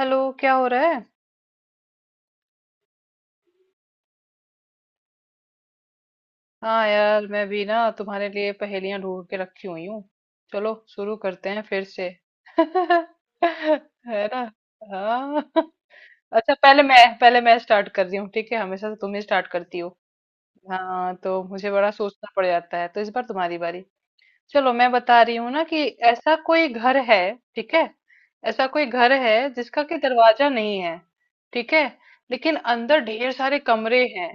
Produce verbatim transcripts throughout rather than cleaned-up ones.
Hello, क्या हो रहा है? हाँ यार, मैं भी ना तुम्हारे लिए पहेलियां ढूंढ के रखी हुई हूँ। चलो शुरू करते हैं फिर से। है ना। हाँ। अच्छा, पहले मैं पहले मैं स्टार्ट कर रही हूँ, ठीक है। हमेशा से तुम ही स्टार्ट करती हो। हाँ तो मुझे बड़ा सोचना पड़ जाता है, तो इस बार तुम्हारी बारी। चलो मैं बता रही हूँ ना कि ऐसा कोई घर है, ठीक है, ऐसा कोई घर है जिसका कि दरवाजा नहीं है, ठीक है, लेकिन अंदर ढेर सारे कमरे हैं।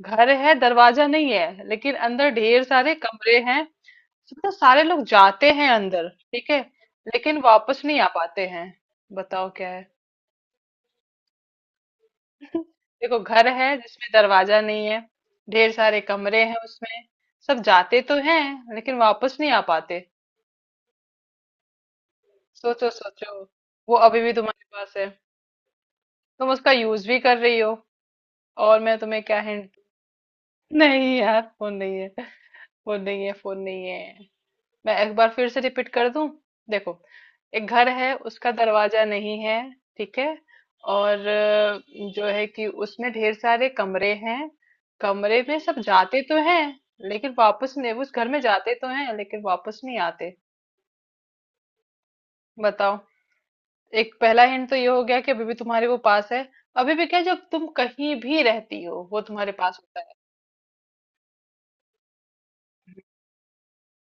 घर है, दरवाजा नहीं है, लेकिन अंदर ढेर सारे कमरे हैं। तो सारे लोग जाते हैं अंदर, ठीक है, लेकिन वापस नहीं आ पाते हैं। बताओ क्या है। देखो, घर है जिसमें दरवाजा नहीं है, ढेर सारे कमरे हैं उसमें, सब जाते तो हैं लेकिन वापस नहीं आ पाते। सोचो सोचो। वो अभी भी तुम्हारे पास है, तुम उसका यूज भी कर रही हो। और मैं तुम्हें क्या हिंट। नहीं यार, फोन नहीं है, फोन नहीं है, फोन नहीं है। मैं एक बार फिर से रिपीट कर दूं। देखो, एक घर है, उसका दरवाजा नहीं है, ठीक है। और अ, जो है कि उसमें ढेर सारे कमरे हैं। कमरे में सब जाते तो हैं, लेकिन वापस नहीं, उस घर में जाते तो हैं लेकिन वापस नहीं आते। बताओ। एक पहला हिंट तो ये हो गया कि अभी भी तुम्हारे वो पास है। अभी भी क्या, जब तुम कहीं भी रहती हो वो तुम्हारे पास होता है।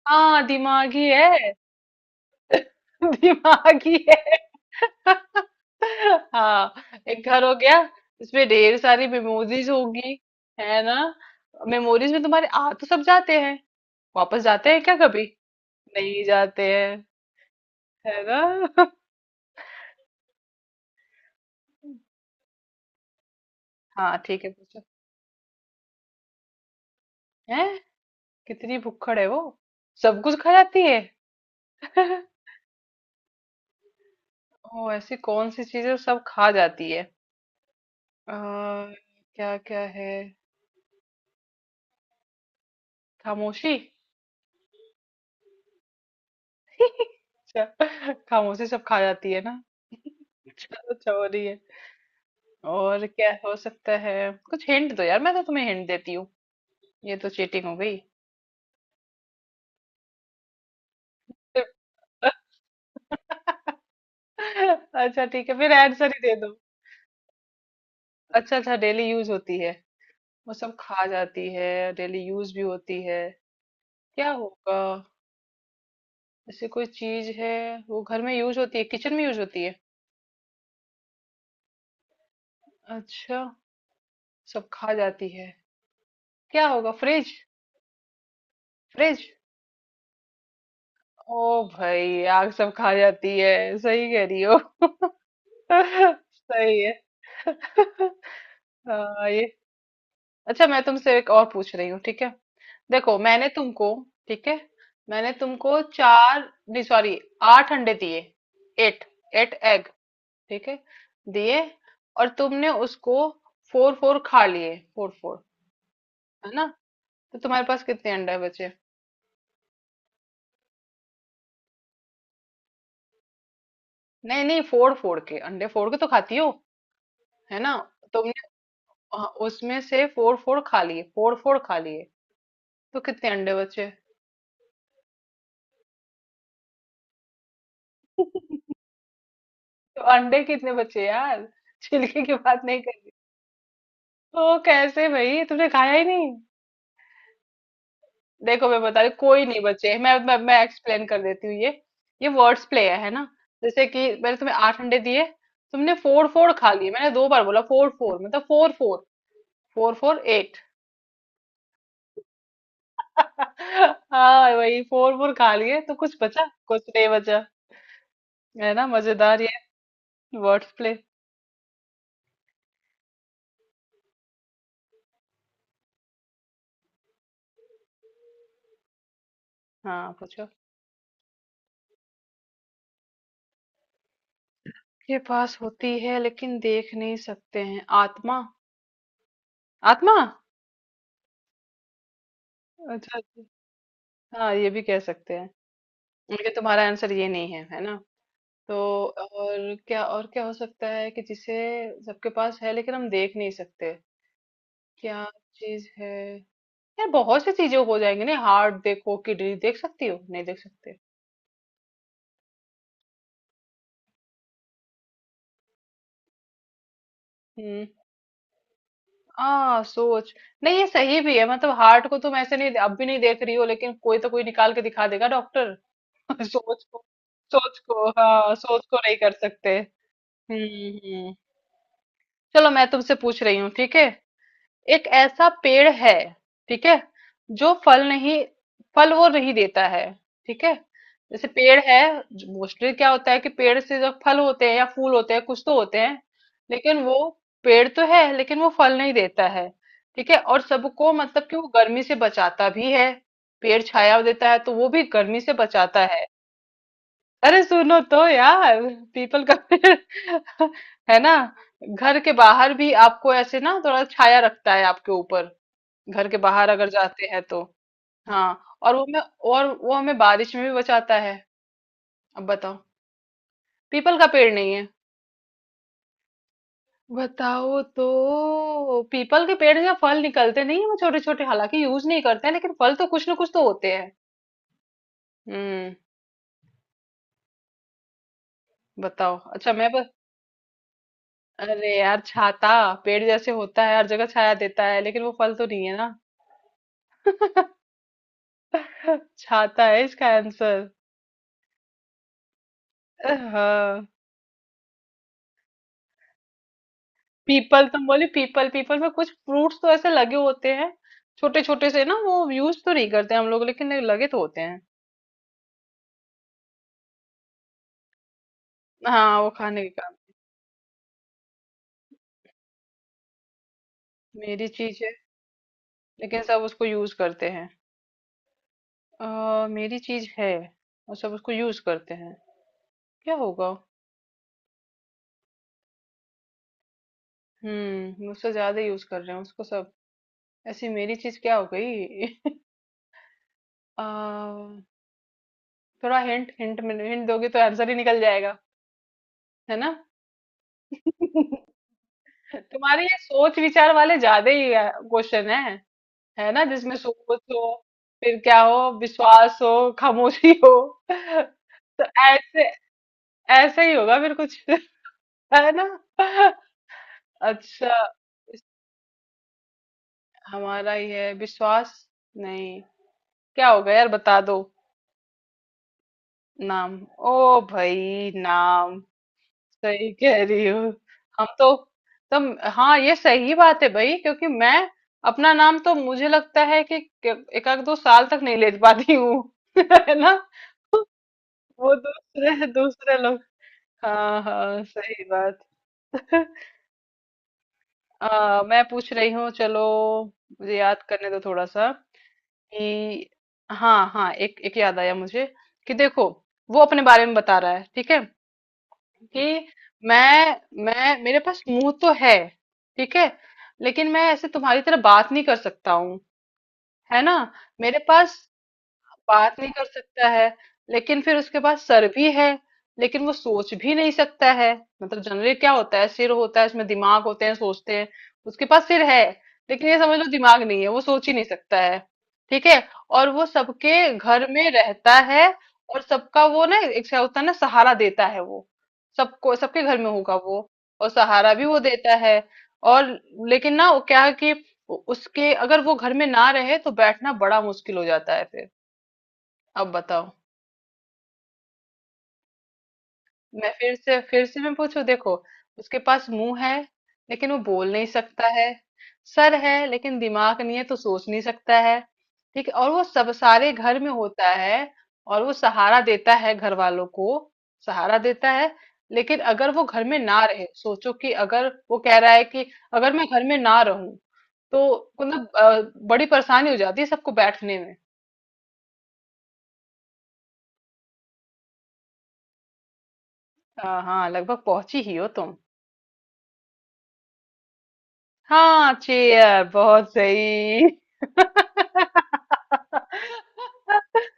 हाँ, दिमागी है। दिमागी है। हाँ। एक घर हो गया, इसमें ढेर सारी मेमोरीज होगी, है ना। मेमोरीज में तुम्हारे आ तो सब जाते हैं, वापस जाते हैं क्या कभी? नहीं जाते हैं, है ना। हाँ ठीक है, पूछो। हैं? कितनी भुक्खड़ है वो, सब कुछ खा जाती है। ओ, ऐसी कौन सी चीजें सब खा जाती है। आ, क्या क्या है। खामोशी। अच्छा। खामोशी सब खा जाती है ना। चलो अच्छा हो रही है। और क्या हो सकता है। कुछ हिंट दो यार, मैं तो तुम्हें हिंट देती हूँ, ये तो चीटिंग हो गई। अच्छा ठीक है, फिर आंसर ही दे दो। अच्छा अच्छा, डेली यूज होती है, वो सब खा जाती है, डेली यूज भी होती है, क्या होगा? जैसे कोई चीज है, वो घर में यूज होती है, किचन में यूज होती है, अच्छा, सब खा जाती है, क्या होगा? फ्रिज? फ्रिज? ओ भाई, आग सब खा जाती है, सही कह रही हो। सही है। हाँ, ये। अच्छा, मैं तुमसे एक और पूछ रही हूँ, ठीक है। देखो, मैंने तुमको, ठीक है, मैंने तुमको चार, नहीं सॉरी, आठ अंडे दिए। एट, एट एग, ठीक है, दिए। और तुमने उसको फोर फोर खा लिए, फोर फोर, है ना। तो तुम्हारे पास कितने अंडे बचे? नहीं नहीं, फोड़ फोड़ के, अंडे फोड़ के तो खाती हो, है ना। तुमने, हाँ, उसमें से फोर फोर खा लिए, फोर फोर खा लिए, तो कितने अंडे बचे? तो अंडे कितने बचे यार, छिलके की बात नहीं कर। ओ कैसे भाई, तुमने खाया ही नहीं। देखो मैं बता रही हूँ, कोई नहीं बचे। मैं मैं, मैं एक्सप्लेन कर देती हूँ ये। ये वर्ड्स प्ले है है ना। जैसे कि मैंने तुम्हें आठ अंडे दिए, तुमने फोर फोर खा लिए, मैंने दो बार बोला फोर फोर, मतलब four four, four four eight. हाँ भाई, फोर फोर खा लिए तो कुछ बचा, कुछ नहीं बचा, है ना। मजेदार ये वर्ड्स प्ले। हाँ पूछो। के पास होती है लेकिन देख नहीं सकते हैं, आत्मा, आत्मा। अच्छा अच्छा, हाँ ये भी कह सकते हैं, लेकिन तुम्हारा आंसर ये नहीं है, है ना। तो और क्या, और क्या हो सकता है कि जिसे सबके पास है लेकिन हम देख नहीं सकते, क्या चीज है। यार बहुत सी चीजें हो जाएंगी ना, हार्ट देखो, किडनी, देख सकती हो? नहीं देख सकते। हम्म। आ सोच। नहीं ये सही भी है, मतलब हार्ट को तुम ऐसे नहीं, अब भी नहीं देख रही हो, लेकिन कोई तो, कोई निकाल के दिखा देगा डॉक्टर। सोच को, सोच को, हाँ, सोच को नहीं कर सकते। हम्म। हम्म। चलो मैं तुमसे पूछ रही हूँ, ठीक है। एक ऐसा पेड़ है, ठीक है, जो फल नहीं, फल वो नहीं देता है, ठीक है। जैसे पेड़ है, मोस्टली क्या होता है कि पेड़ से जो फल होते हैं या फूल होते हैं, कुछ तो होते हैं, लेकिन वो पेड़ तो है, लेकिन वो फल नहीं देता है, ठीक है। और सबको मतलब कि वो गर्मी से बचाता भी है, पेड़ छाया देता है, तो वो भी गर्मी से बचाता है। अरे सुनो तो यार, पीपल का पेड़। है ना, घर के बाहर भी आपको ऐसे ना थोड़ा छाया रखता है आपके ऊपर, घर के बाहर अगर जाते हैं तो। हाँ और वो मैं, और वो हमें बारिश में भी बचाता है। अब बताओ। पीपल का पेड़ नहीं है। बताओ तो, पीपल के पेड़ से फल निकलते नहीं है छोटे छोटे, हालांकि यूज नहीं करते हैं लेकिन फल तो कुछ ना कुछ तो होते हैं। हम्म। बताओ। अच्छा मैं बस, अरे यार, छाता। पेड़ जैसे होता है हर जगह, छाया देता है, लेकिन वो फल तो नहीं है ना। छाता है इसका आंसर। हाँ। पीपल, तुम बोले पीपल, पीपल में कुछ फ्रूट्स तो ऐसे लगे होते हैं, छोटे छोटे से ना, वो यूज तो नहीं करते हम लोग, लेकिन लगे तो होते हैं। हाँ वो खाने के काम। मेरी चीज है, लेकिन सब उसको यूज करते हैं। अ, मेरी चीज है और सब उसको यूज करते हैं, क्या होगा? हम्म, मुझसे ज्यादा यूज कर रहे हैं उसको सब। ऐसी मेरी चीज क्या हो गई। अ, थोड़ा हिंट, हिंट में हिंट दोगे तो आंसर ही निकल जाएगा, है ना। तुम्हारे ये सोच विचार वाले ज्यादा ही क्वेश्चन है है ना, जिसमें सोच हो, फिर क्या हो, विश्वास हो, खामोशी हो। तो ऐसे, ऐसे ही होगा फिर कुछ। है ना। अच्छा, हमारा ये विश्वास? नहीं। क्या होगा यार, बता दो। नाम? ओ भाई, नाम, सही कह रही हो। हम तो, तुम, हाँ ये सही बात है भाई, क्योंकि मैं अपना नाम तो मुझे लगता है कि एक आध दो साल तक नहीं ले पाती हूँ। है ना, वो दूसरे दूसरे लोग। हाँ हाँ, सही बात। आ, मैं पूछ रही हूँ, चलो, मुझे याद करने दो थोड़ा सा कि, हाँ हाँ, एक एक याद आया मुझे, कि देखो, वो अपने बारे में बता रहा है, ठीक है, कि मैं मैं मेरे पास मुंह तो है, ठीक है, लेकिन मैं ऐसे तुम्हारी तरह बात नहीं कर सकता हूँ, है ना। मेरे पास, बात नहीं कर सकता है। लेकिन फिर उसके बाद सर भी है, लेकिन वो सोच भी नहीं सकता है। मतलब जनरली क्या होता है, सिर होता है, इसमें दिमाग होते हैं, सोचते हैं। उसके पास सिर है, लेकिन ये समझ लो दिमाग नहीं है, वो सोच ही नहीं सकता है, ठीक है। और वो सबके घर में रहता है। और सबका वो ना एक क्या होता है ना, सहारा देता है वो, सबको, सबके घर में होगा वो, और सहारा भी वो देता है। और, लेकिन ना वो क्या है कि उसके, अगर वो घर में ना रहे तो बैठना बड़ा मुश्किल हो जाता है फिर। अब बताओ। मैं फिर से फिर से मैं पूछू, देखो, उसके पास मुंह है लेकिन वो बोल नहीं सकता है, सर है लेकिन दिमाग नहीं है तो सोच नहीं सकता है, ठीक है, और वो सब सारे घर में होता है, और वो सहारा देता है घर वालों को, सहारा देता है। लेकिन अगर वो घर में ना रहे, सोचो कि अगर वो कह रहा है कि अगर मैं घर में ना रहूं तो मतलब अ, बड़ी परेशानी हो जाती है सबको बैठने में। अ, हाँ, लगभग पहुंची ही हो तुम। हाँ चेयर, बहुत सही।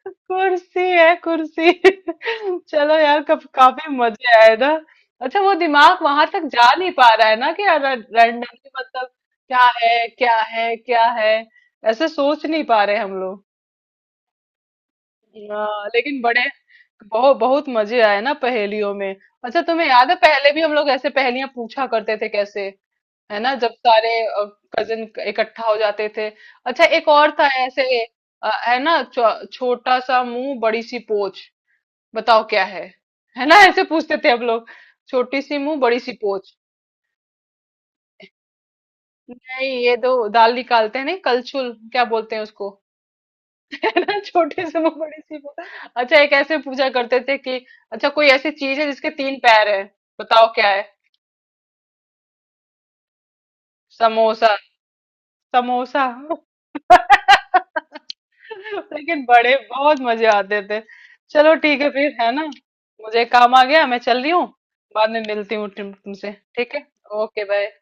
कुर्सी है, कुर्सी। चलो यार, कब काफी मजे आए ना। अच्छा वो दिमाग वहां तक जा नहीं पा रहा है ना कि रैंडमली, मतलब। क्या है, क्या है, क्या है, ऐसे सोच नहीं पा रहे हम लोग। हाँ, लेकिन बड़े, बहुत बहुत मजे आए ना पहेलियों में। अच्छा तुम्हें याद है पहले भी हम लोग ऐसे पहेलियां पूछा करते थे, कैसे, है ना, जब सारे कजिन इकट्ठा हो जाते थे। अच्छा एक और था ऐसे, अ, है ना, छो- छोटा सा मुंह, बड़ी सी पोच, बताओ क्या है। है ना ऐसे पूछते थे हम लोग, छोटी सी मुंह, बड़ी सी पोच। नहीं, ये दो दाल निकालते हैं, नहीं, कलछुल क्या बोलते हैं उसको। है ना, छोटी सी मुंह, बड़ी सी पोच। अच्छा, एक ऐसे पूछा करते थे कि, अच्छा कोई ऐसी चीज है जिसके तीन पैर है, बताओ क्या है। समोसा। समोसा। लेकिन बड़े बहुत मजे आते थे। चलो ठीक है फिर, है ना, मुझे काम आ गया, मैं चल रही हूँ। बाद में मिलती हूँ तुम- तुमसे, ठीक है। Okay bye.